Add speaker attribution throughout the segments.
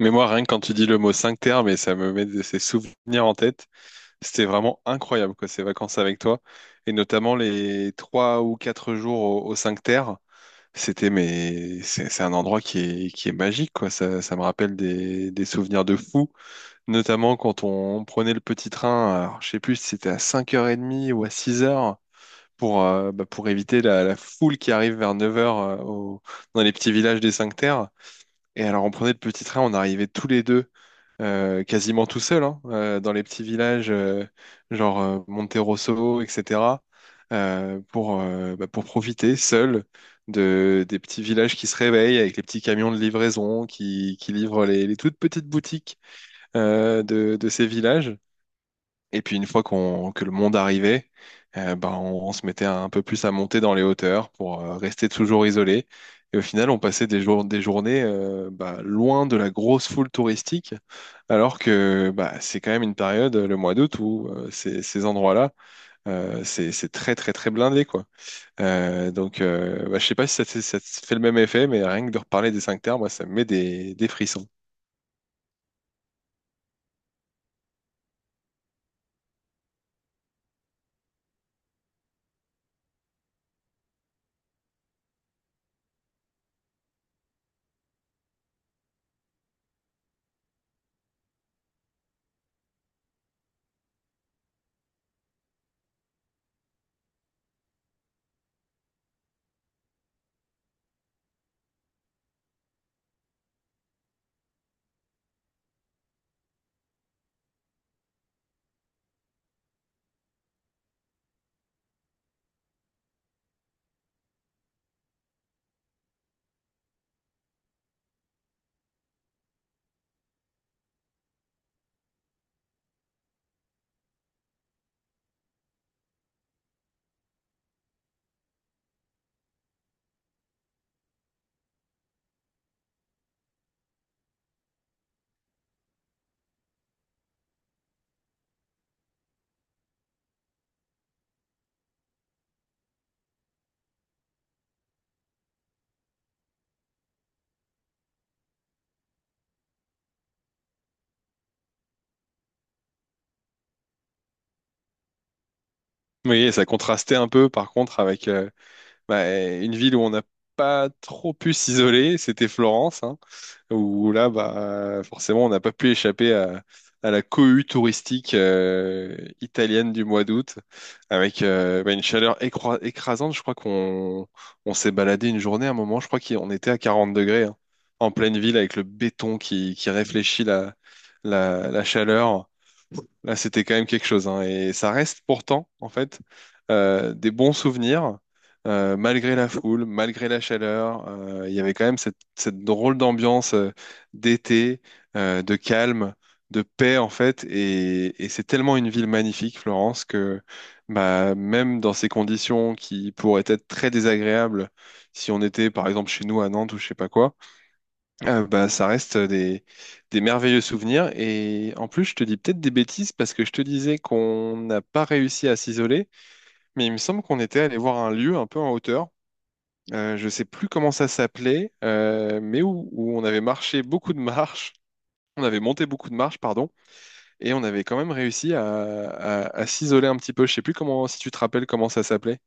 Speaker 1: Mais moi, rien que quand tu dis le mot terres, mais ça me met ces souvenirs en tête. C'était vraiment incroyable, quoi, ces vacances avec toi. Et notamment les trois ou quatre jours au terres. Mais c'est un endroit qui est magique, quoi. Ça me rappelle des souvenirs de fou. Notamment quand on prenait le petit train, alors, je sais plus si c'était à 5h30 ou à 6h. Pour, bah, pour éviter la foule qui arrive vers 9h dans les petits villages des cinq terres. Et alors on prenait le petit train, on arrivait tous les deux quasiment tout seul, hein, dans les petits villages, genre Monterosso, etc., pour profiter seul des petits villages qui se réveillent avec les petits camions de livraison qui livrent les toutes petites boutiques de ces villages. Et puis une fois qu'on que le monde arrivait, ben, on se mettait un peu plus à monter dans les hauteurs pour rester toujours isolé. Et au final, on passait des jours, des journées bah, loin de la grosse foule touristique, alors que bah, c'est quand même une période, le mois d'août, où ces endroits-là, c'est très très très blindé, quoi. Donc, bah, je sais pas si ça te fait le même effet, mais rien que de reparler des cinq terres, moi, ça me met des frissons. Oui, et ça contrastait un peu, par contre, avec bah, une ville où on n'a pas trop pu s'isoler, c'était Florence, hein, où là, bah, forcément, on n'a pas pu échapper à la cohue touristique italienne du mois d'août, avec bah, une chaleur écrasante. Je crois qu'on on s'est baladé une journée à un moment, je crois qu'on était à 40 degrés, hein, en pleine ville, avec le béton qui réfléchit la chaleur. Là, c'était quand même quelque chose, hein. Et ça reste pourtant, en fait, des bons souvenirs, malgré la foule, malgré la chaleur. Il y avait quand même cette drôle d'ambiance d'été, de calme, de paix, en fait. Et c'est tellement une ville magnifique, Florence, que bah, même dans ces conditions qui pourraient être très désagréables, si on était, par exemple, chez nous à Nantes ou je sais pas quoi, bah, ça reste des merveilleux souvenirs. Et en plus, je te dis peut-être des bêtises parce que je te disais qu'on n'a pas réussi à s'isoler, mais il me semble qu'on était allé voir un lieu un peu en hauteur. Je sais plus comment ça s'appelait, mais où on avait marché beaucoup de marches. On avait monté beaucoup de marches, pardon. Et on avait quand même réussi à s'isoler un petit peu. Je sais plus comment, si tu te rappelles comment ça s'appelait.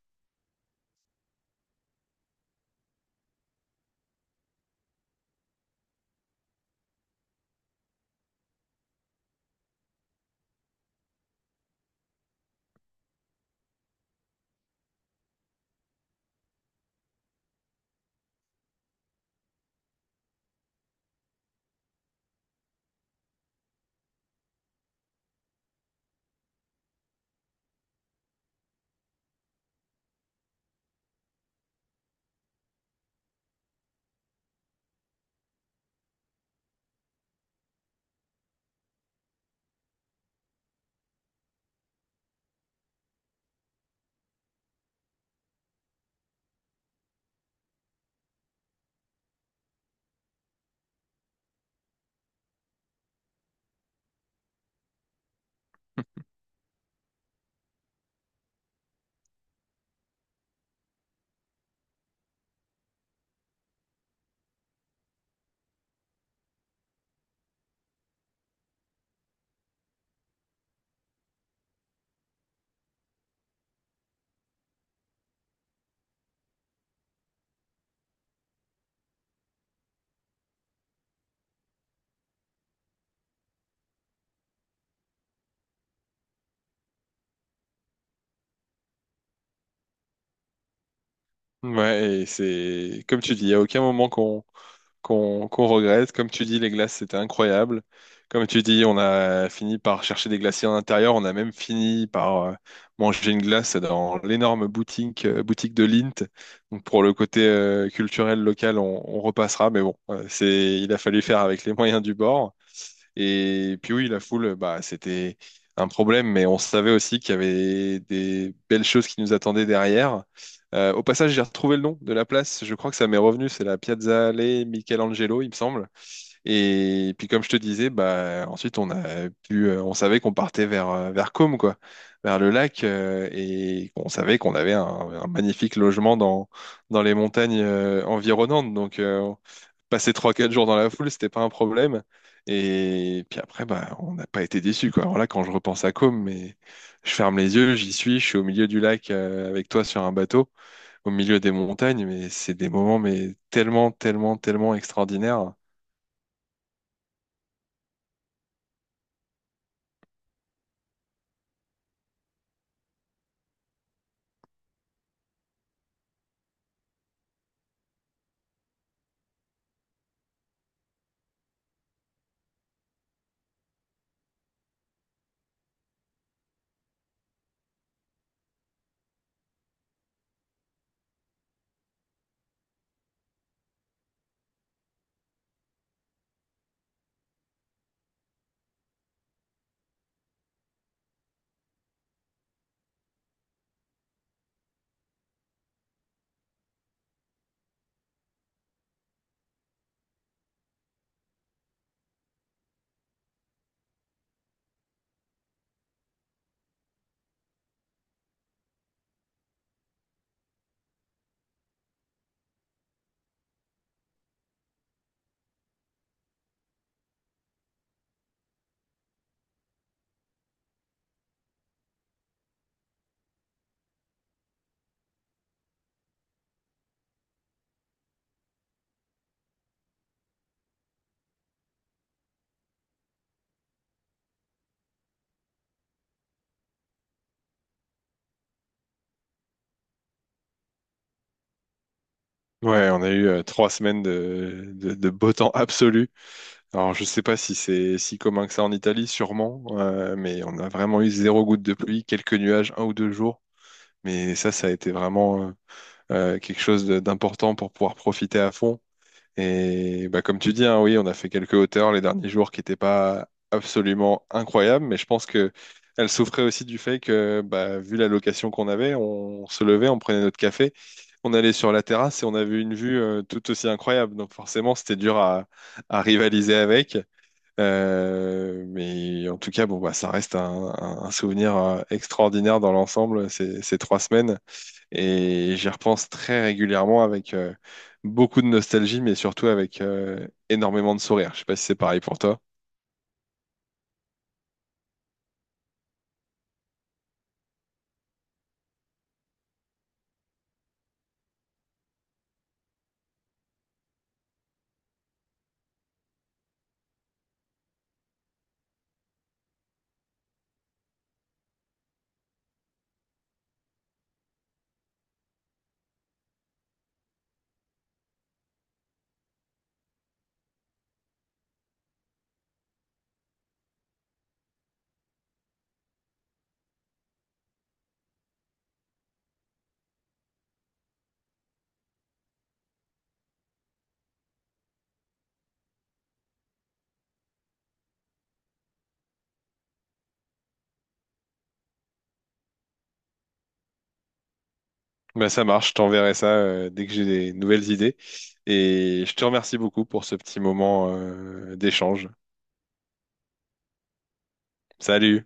Speaker 1: Ouais, et c'est comme tu dis, il n'y a aucun moment qu'on regrette. Comme tu dis, les glaces, c'était incroyable. Comme tu dis, on a fini par chercher des glaciers à l'intérieur. On a même fini par manger une glace dans l'énorme boutique de Lint. Donc pour le côté culturel local, on repassera. Mais bon, il a fallu faire avec les moyens du bord. Et puis oui, la foule, bah, c'était un problème, mais on savait aussi qu'il y avait des belles choses qui nous attendaient derrière. Au passage, j'ai retrouvé le nom de la place. Je crois que ça m'est revenu. C'est la Piazza Alley Michelangelo, il me semble. Et puis, comme je te disais, bah, ensuite, on savait qu'on partait vers, vers Côme, quoi, vers le lac, et on savait qu'on avait un magnifique logement dans les montagnes, environnantes. Donc, passer trois quatre jours dans la foule, c'était pas un problème. Et puis après, bah, on n'a pas été déçus, quoi. Alors là, quand je repense à Côme, mais je ferme les yeux, j'y suis, je suis au milieu du lac avec toi sur un bateau, au milieu des montagnes, mais c'est des moments mais tellement, tellement, tellement extraordinaires. Ouais, on a eu 3 semaines de beau temps absolu. Alors, je sais pas si c'est si commun que ça en Italie, sûrement, mais on a vraiment eu zéro goutte de pluie, quelques nuages, un ou deux jours. Mais ça a été vraiment, quelque chose d'important pour pouvoir profiter à fond. Et bah, comme tu dis, hein, oui, on a fait quelques hauteurs les derniers jours qui n'étaient pas absolument incroyables, mais je pense que elles souffraient aussi du fait que, bah, vu la location qu'on avait, on se levait, on prenait notre café, on allait sur la terrasse et on avait une vue tout aussi incroyable. Donc forcément, c'était dur à rivaliser avec. Mais en tout cas, bon, bah, ça reste un souvenir extraordinaire dans l'ensemble, ces 3 semaines. Et j'y repense très régulièrement avec beaucoup de nostalgie, mais surtout avec énormément de sourire. Je sais pas si c'est pareil pour toi. Bah, ça marche, je t'enverrai ça dès que j'ai des nouvelles idées. Et je te remercie beaucoup pour ce petit moment d'échange. Salut!